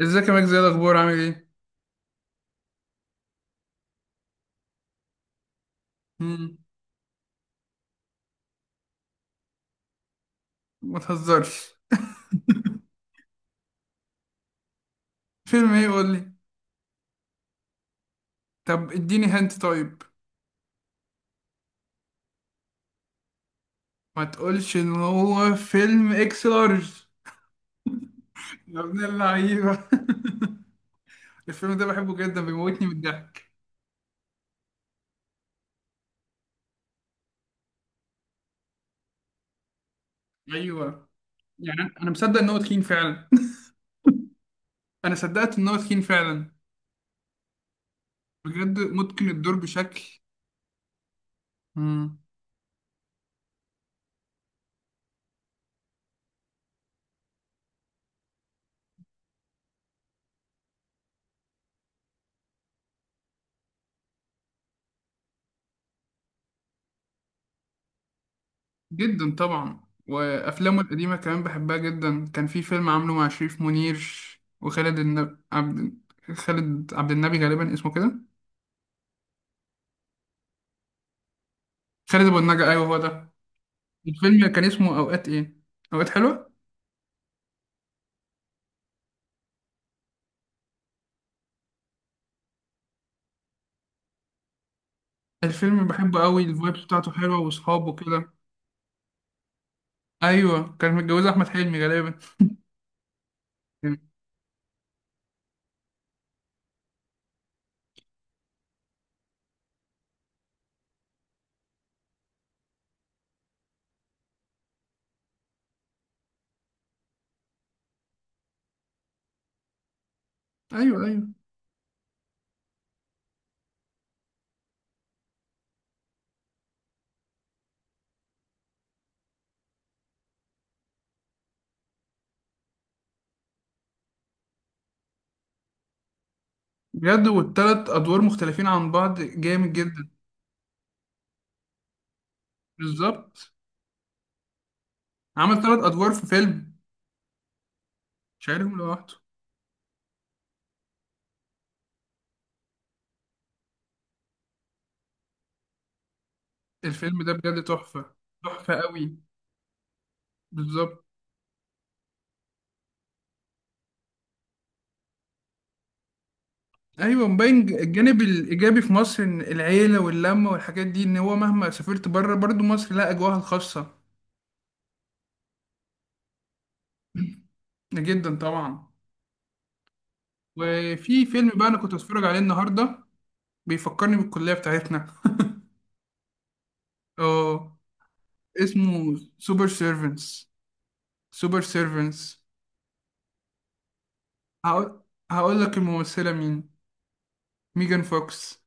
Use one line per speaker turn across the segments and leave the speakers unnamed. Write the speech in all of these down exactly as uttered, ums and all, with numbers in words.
ازيك يا ماجد؟ زي الاخبار؟ عامل ايه؟ مم. ما تهزرش. فيلم ايه؟ قول لي. طب اديني هنت طيب. ما تقولش ان هو فيلم اكس لارج؟ يا ابن اللعيبه. الفيلم ده بحبه جدا، بيموتني من الضحك. ايوه. يعني انا أنا مصدق ان هو تخين فعلا. انا صدقت ان هو تخين فعلا. بجد متقن الدور بشكل. مم. جدا طبعا. وافلامه القديمه كمان بحبها جدا. كان في فيلم عامله مع شريف منير وخالد النب... عبد، خالد عبد النبي غالبا اسمه كده. خالد ابو النجا، ايوه هو ده. الفيلم كان اسمه اوقات ايه، اوقات حلوه. الفيلم بحبه قوي، الفايبس بتاعته حلوه واصحابه كده. ايوه، كان متجوز احمد حلمي غالبا. ايوه ايوه. بجد، والتلات ادوار مختلفين عن بعض جامد جدا. بالظبط. عمل تلات ادوار في فيلم. شايلهم لوحده. الفيلم ده بجد تحفه. تحفه قوي. بالظبط. ايوه، مبين ج- الجانب الايجابي في مصر، ان العيله واللمه والحاجات دي، ان هو مهما سافرت بره برضو مصر لها اجواءها الخاصه. جدا طبعا. وفي فيلم بقى انا كنت بتفرج عليه النهارده، بيفكرني بالكليه بتاعتنا. اه. اسمه سوبر سيرفنس. سوبر سيرفنس. هقول هقول لك الممثله مين، ميجان فوكس.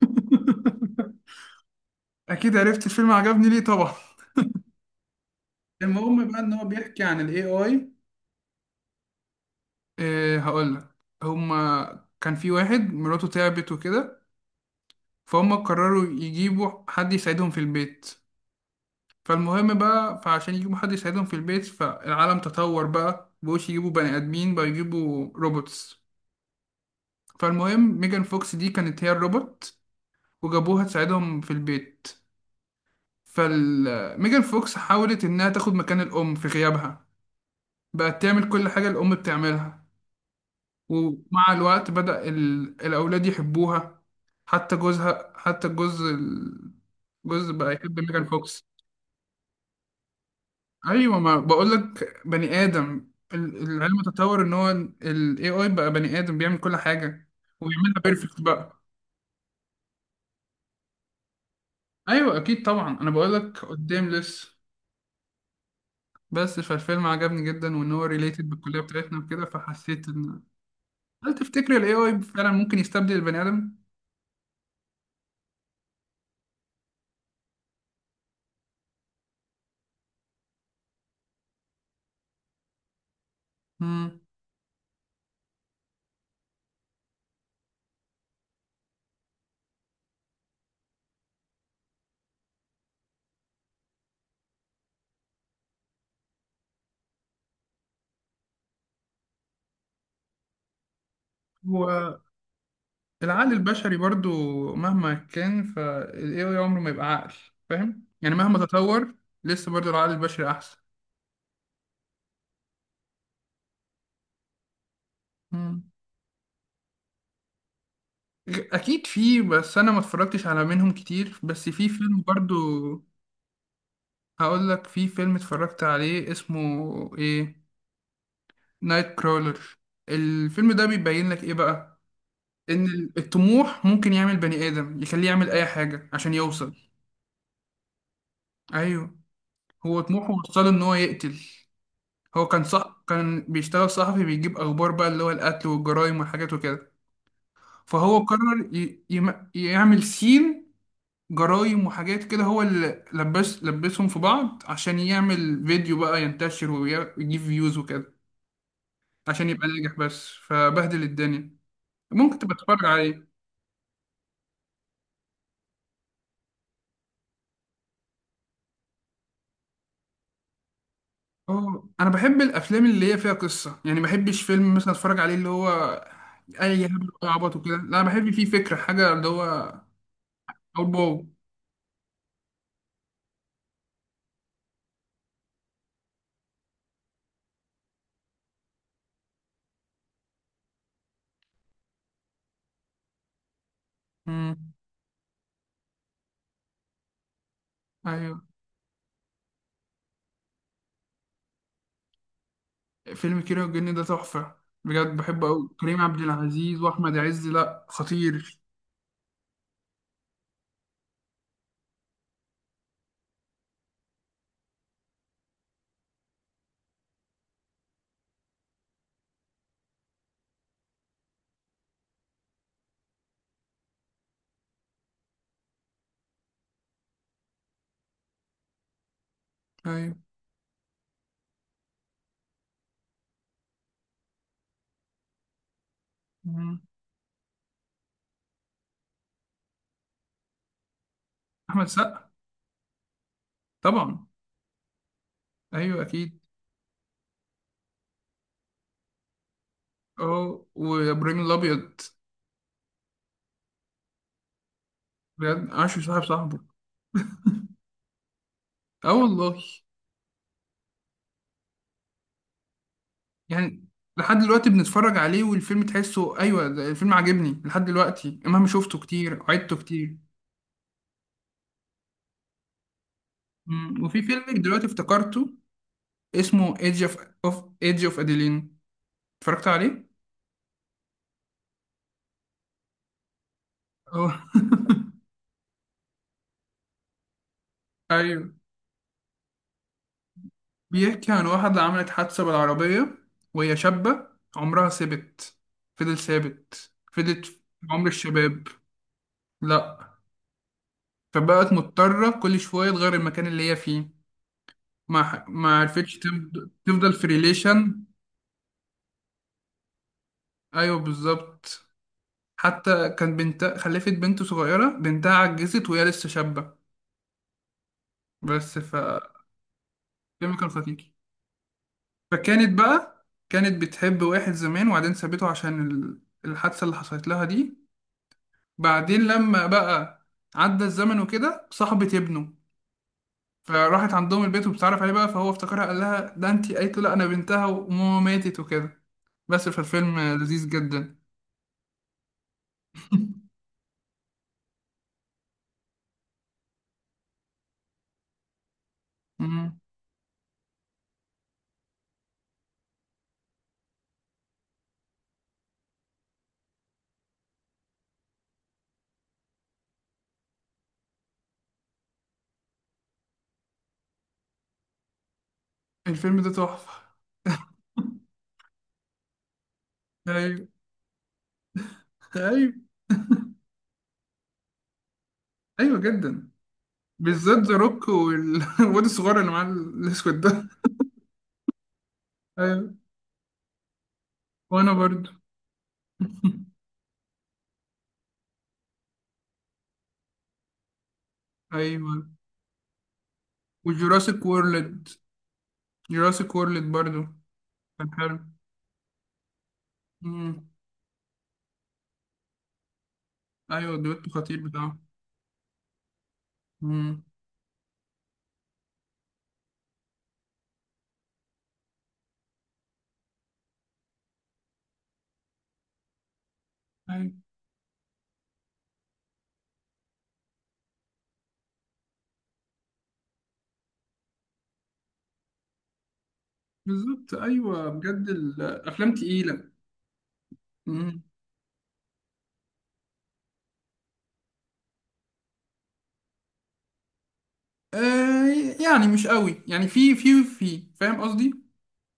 اكيد عرفت الفيلم عجبني ليه طبعا. المهم بقى ان هو بيحكي عن الاي اي. إيه؟ هقولك. هما كان في واحد مراته تعبت وكده، فهم قرروا يجيبوا حد يساعدهم في البيت. فالمهم بقى، فعشان يجيبوا حد يساعدهم في البيت، فالعالم تطور بقى، مبقوش يجيبوا بني آدمين، بقى يجيبوا روبوتس. فالمهم ميجان فوكس دي كانت هي الروبوت وجابوها تساعدهم في البيت. فال ميجان فوكس حاولت إنها تاخد مكان الأم في غيابها، بقت تعمل كل حاجة الأم بتعملها. ومع الوقت بدأ ال... الأولاد يحبوها. حتى جوزها، حتى الجوز ال- جوز بقى يحب ميجان فوكس. أيوة، ما بقولك بني آدم، ال- العلم تطور إن هو ال إيه آي بقى بني آدم بيعمل كل حاجة وبيعملها بيرفكت بقى. أيوة، أكيد طبعا، أنا بقولك قدام لسه. بس فالفيلم عجبني جدا، وإن هو ريليتد بالكلية بتاعتنا وكده، فحسيت إن، هل تفتكر ال إيه آي فعلا ممكن يستبدل البني آدم؟ مم. هو العقل البشري برضو مهما كان، فال إيه آي عمره ما يبقى عقل. فاهم يعني مهما تطور لسه برضو العقل البشري أحسن. مم. أكيد في، بس أنا ما اتفرجتش على منهم كتير. بس في فيلم برضو هقول لك، في فيلم اتفرجت عليه اسمه إيه، نايت كرولر. الفيلم ده بيبين لك إيه بقى، إن الطموح ممكن يعمل بني آدم، يخليه يعمل أي حاجة عشان يوصل. أيوه، هو طموحه وصله إن هو يقتل. هو كان صح، كان بيشتغل صحفي بيجيب اخبار بقى، اللي هو القتل والجرائم والحاجات وكده، فهو قرر ي... يم... يعمل سين جرائم وحاجات كده، هو اللي لبس لبسهم في بعض عشان يعمل فيديو بقى ينتشر وي- ويجيب فيوز وكده عشان يبقى ناجح، بس فبهدل الدنيا. ممكن تبقى تتفرج عليه. اه انا بحب الافلام اللي هي فيها قصة، يعني ما بحبش فيلم مثلا اتفرج عليه اللي هو اي هبل وعبط وكده، لا بحب فيه فكرة حاجة اللي هو. او بو. مم. ايوه، فيلم كيرة والجن ده تحفة. بجد بحبه أوي، كريم عبد العزيز وأحمد عز، لأ خطير. أيوة. مم. أحمد سقا. طبعا. أيوة أكيد. أه، وإبراهيم الأبيض. بجد عاشر صاحب صاحبه. أه والله. يعني لحد دلوقتي بنتفرج عليه والفيلم تحسه، أيوة ده الفيلم عاجبني لحد دلوقتي مهما شفته كتير، عدته كتير. مم. وفي فيلم دلوقتي افتكرته، اسمه ايدج اوف، اوف ايدج اوف اديلين. اتفرجت عليه؟ اه. ايوه. بيحكي عن واحدة عملت حادثة بالعربية وهي شابة، عمرها ثابت، فضل ثابت فضلت في عمر الشباب. لأ. فبقت مضطرة كل شوية تغير المكان اللي هي فيه، ما ح- ما عرفتش تفض- تفضل في ريليشن. أيوه بالظبط. حتى كان بنت خلفت بنت صغيرة، بنتها عجزت وهي لسه شابة. بس ف الفيلم كان خطير. فكانت بقى كانت بتحب واحد زمان وبعدين سابته عشان ال- الحادثة اللي حصلت لها دي. بعدين لما بقى عدى الزمن وكده صاحبة ابنه، فراحت عندهم البيت وبتعرف عليه بقى، فهو افتكرها قال لها ده انتي، قالت له لا انا بنتها وماما ماتت وكده. بس فالفيلم لذيذ جدا. مم. الفيلم ده تحفة. ايوه ايوه. ايوه جدا. بالذات ذا روك والواد الصغير اللي معاه الاسود ده. ايوه، وانا برضو. ايوه. وجوراسيك وورلد. جوراسيك وورلد برضو. كان حلو. مم. ايوه الدويتو خطير بتاعه. مم. أيوة. بالظبط. ايوه بجد، الافلام تقيله. مم. آه يعني مش قوي، يعني في في في فاهم قصدي،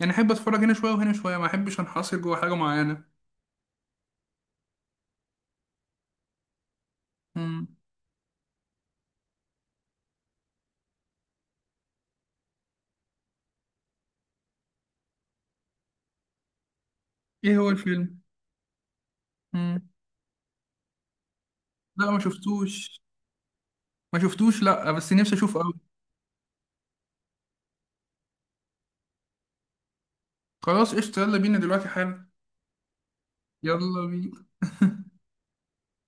يعني احب اتفرج هنا شويه وهنا شويه، ما احبش انحصر جوه حاجه معينه. مم. ايه هو الفيلم؟ مم. لا ما شفتوش. ما شفتوش، لا بس نفسي اشوفه قوي. خلاص قشطه، يلا بينا دلوقتي حالا. يلا بينا.